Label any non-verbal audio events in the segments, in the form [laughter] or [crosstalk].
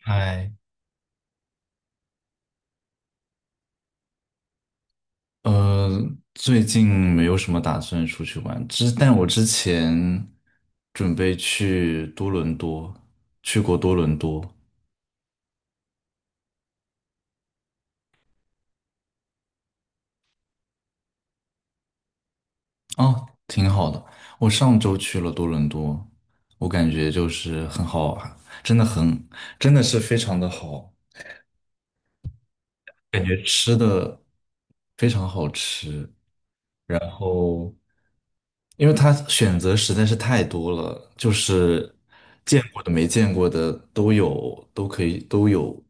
嗨，呃，最近没有什么打算出去玩，但我之前准备去多伦多，去过多伦多。哦，挺好的。我上周去了多伦多，我感觉就是很好玩，真的很，真的是非常的好，感觉吃的非常好吃。然后因为它选择实在是太多了，就是见过的、没见过的都有，都可以都有。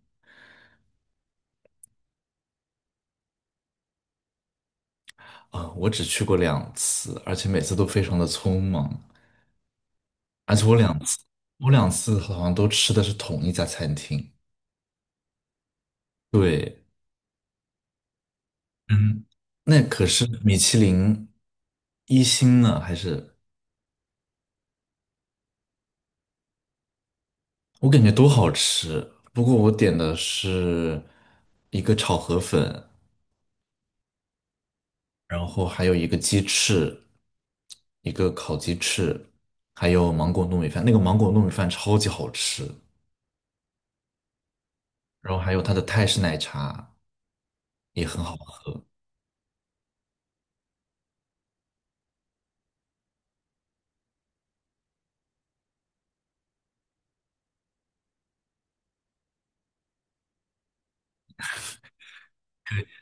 啊、我只去过两次，而且每次都非常的匆忙，而且我两次，我两次好像都吃的是同一家餐厅。对。嗯，那可是米其林一星呢，还是我感觉都好吃。不过我点的是一个炒河粉，然后还有一个烤鸡翅，还有芒果糯米饭。那个芒果糯米饭超级好吃，然后还有它的泰式奶茶也很好喝。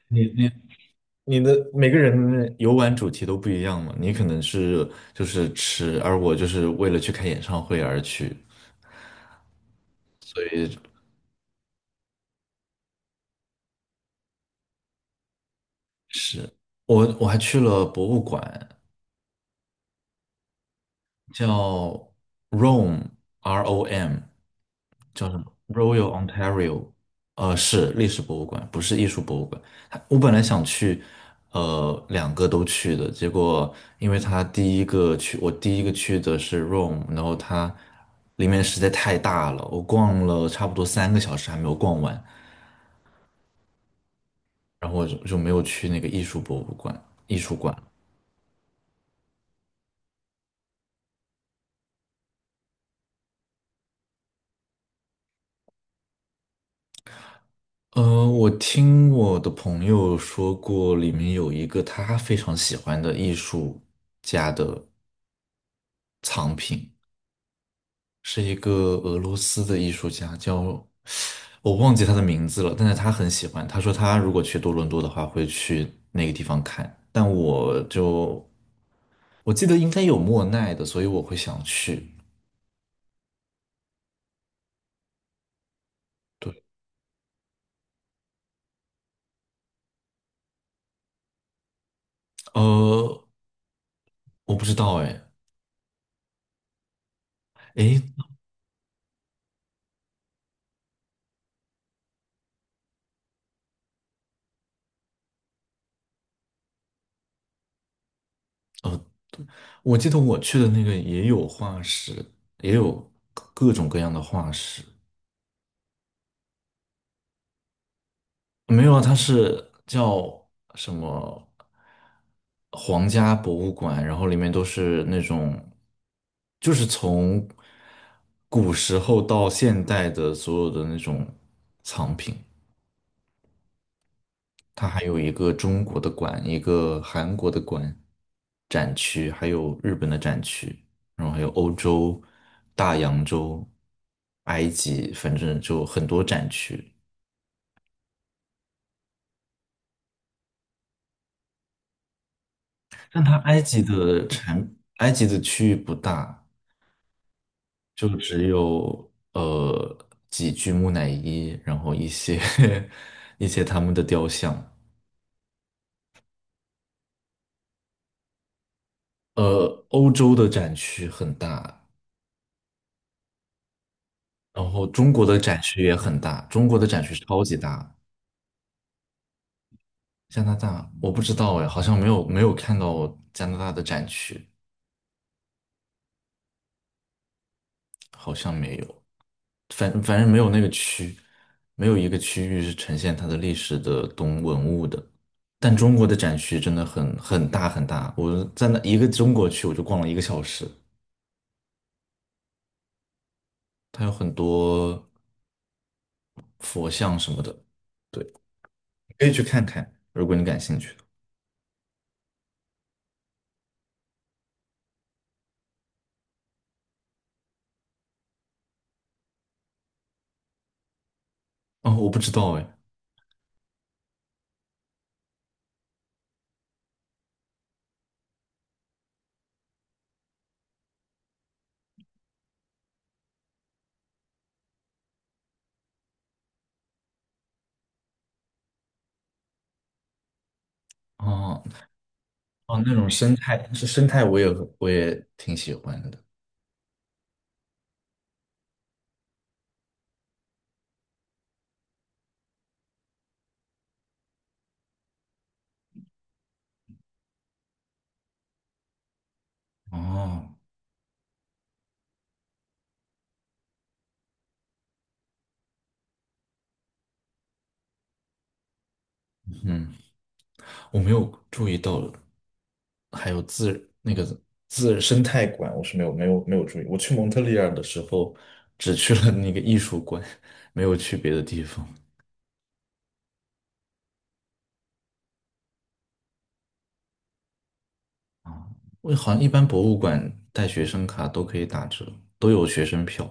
你你的每个人的游玩主题都不一样嘛，你可能是就是吃，而我就是为了去看演唱会而去，所以是我还去了博物馆，叫 Rome，ROM,叫什么 Royal Ontario,是历史博物馆，不是艺术博物馆。它我本来想去，两个都去的，结果因为他第一个去，我第一个去的是 Rome,然后它里面实在太大了，我逛了差不多三个小时还没有逛完，然后我就没有去那个艺术博物馆、艺术馆。我听我的朋友说过，里面有一个他非常喜欢的艺术家的藏品，是一个俄罗斯的艺术家，叫我忘记他的名字了，但是他很喜欢。他说他如果去多伦多的话，会去那个地方看。但我就我记得应该有莫奈的，所以我会想去。对。呃，我不知道哎。诶，我记得我去的那个也有化石，也有各种各样的化石。没有啊，它是叫什么皇家博物馆，然后里面都是那种，就是从古时候到现代的所有的那种藏品。它还有一个中国的馆，一个韩国的馆展区，还有日本的展区，然后还有欧洲、大洋洲、埃及，反正就很多展区。但它埃及的产，埃及的区域不大，就只有几具木乃伊，然后一些 [laughs] 一些他们的雕像。欧洲的展区很大，然后中国的展区也很大，中国的展区超级大。加拿大我不知道哎，好像没有看到加拿大的展区。好像没有，反正没有那个区，没有一个区域是呈现它的历史的东文物的。但中国的展区真的很大很大，我在那一个中国区我就逛了一个小时，它有很多佛像什么的。对，可以去看看，如果你感兴趣。哦，我不知道哎。哦哦，那种生态是生态，我也挺喜欢的。哦。嗯。我没有注意到，还有自那个自生态馆，我是没有注意。我去蒙特利尔的时候，只去了那个艺术馆，没有去别的地方。啊。我好像一般博物馆带学生卡都可以打折，都有学生票。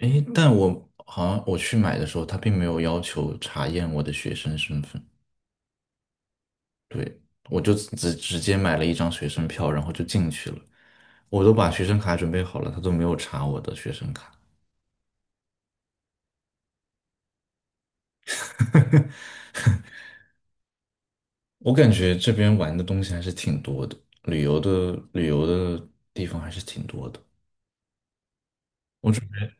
诶，但我好像我去买的时候，他并没有要求查验我的学生身份。对，我就直接买了一张学生票，然后就进去了。我都把学生卡准备好了，他都没有查我的学生卡。[laughs] 我感觉这边玩的东西还是挺多的，旅游的地方还是挺多的。我准备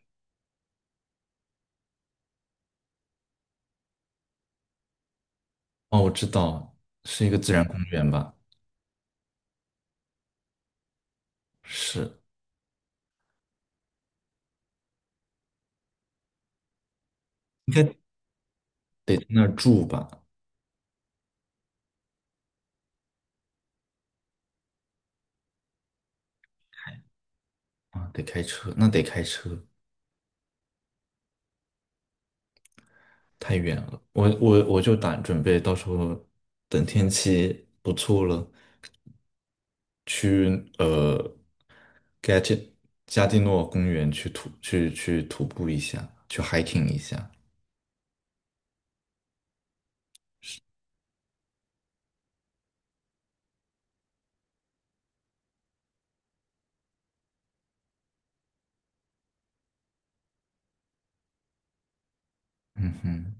哦，我知道是一个自然公园吧？是，应该得在那儿住吧？啊，得开车，那得开车，太远了。我就准备到时候等天气不错了，去呃 GET 加蒂诺公园去徒步一下，去 hiking 一下。嗯哼。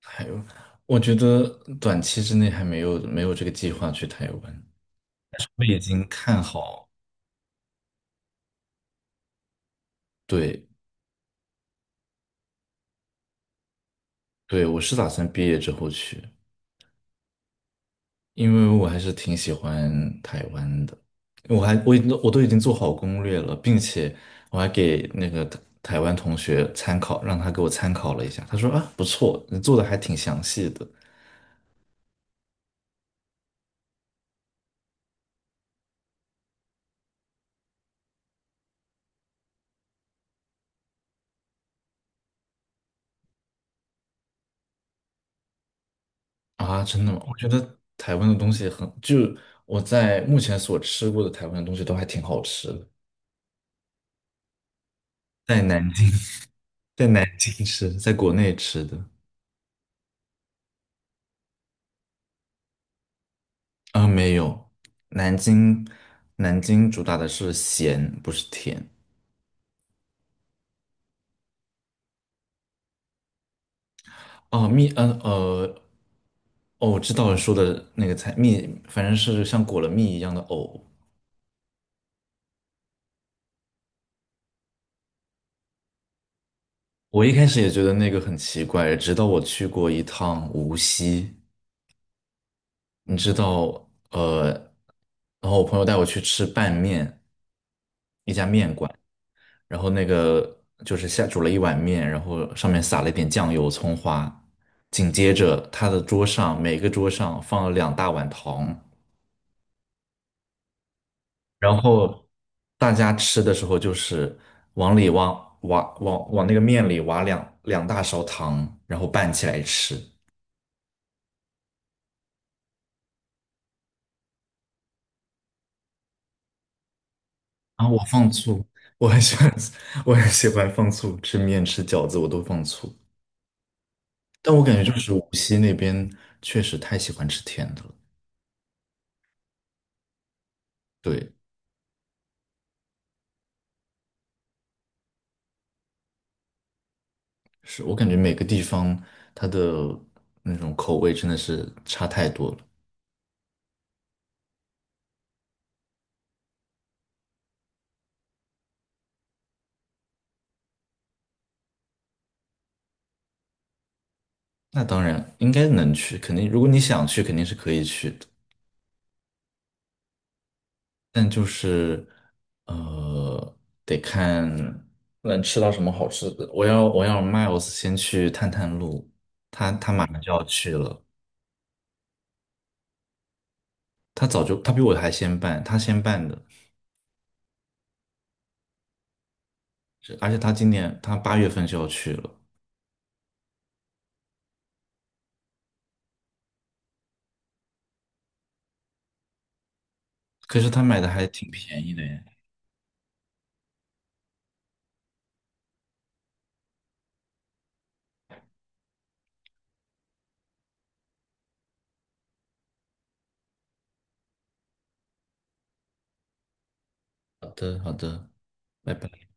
还有，我觉得短期之内还没有这个计划去台湾。我已经看好，对，对，我是打算毕业之后去，因为我还是挺喜欢台湾的。我都已经做好攻略了，并且我还给那个台湾同学参考，让他给我参考了一下。他说啊，不错，你做的还挺详细的。啊，真的吗？我觉得台湾的东西很，就我在目前所吃过的台湾的东西都还挺好吃的。在南京。在南京吃，在国内吃的。啊，没有，南京南京主打的是咸，不是甜。哦，蜜，哦，我知道你说的那个菜，蜜，反正是像裹了蜜一样的藕。我一开始也觉得那个很奇怪，直到我去过一趟无锡，你知道，然后我朋友带我去吃拌面，然后那个就是下煮了一碗面，然后上面撒了一点酱油、葱花。紧接着，他的桌上每个桌上放了两大碗糖，然后大家吃的时候就是往里挖挖往往那个面里挖两大勺糖，然后拌起来吃。啊，我放醋，我很喜欢，[laughs] 我很喜欢放醋，吃面吃饺子我都放醋。但我感觉就是无锡那边确实太喜欢吃甜的了，对，是我感觉每个地方它的那种口味真的是差太多了。那当然应该能去，肯定如果你想去，肯定是可以去的。但就是呃，得看能吃到什么好吃的。我要 Miles 先去探探路，马上就要去了。他早就他比我还先办，他先办的，是而且他今年他八月份就要去了，可是他买的还挺便宜的耶。好的，好的，拜拜。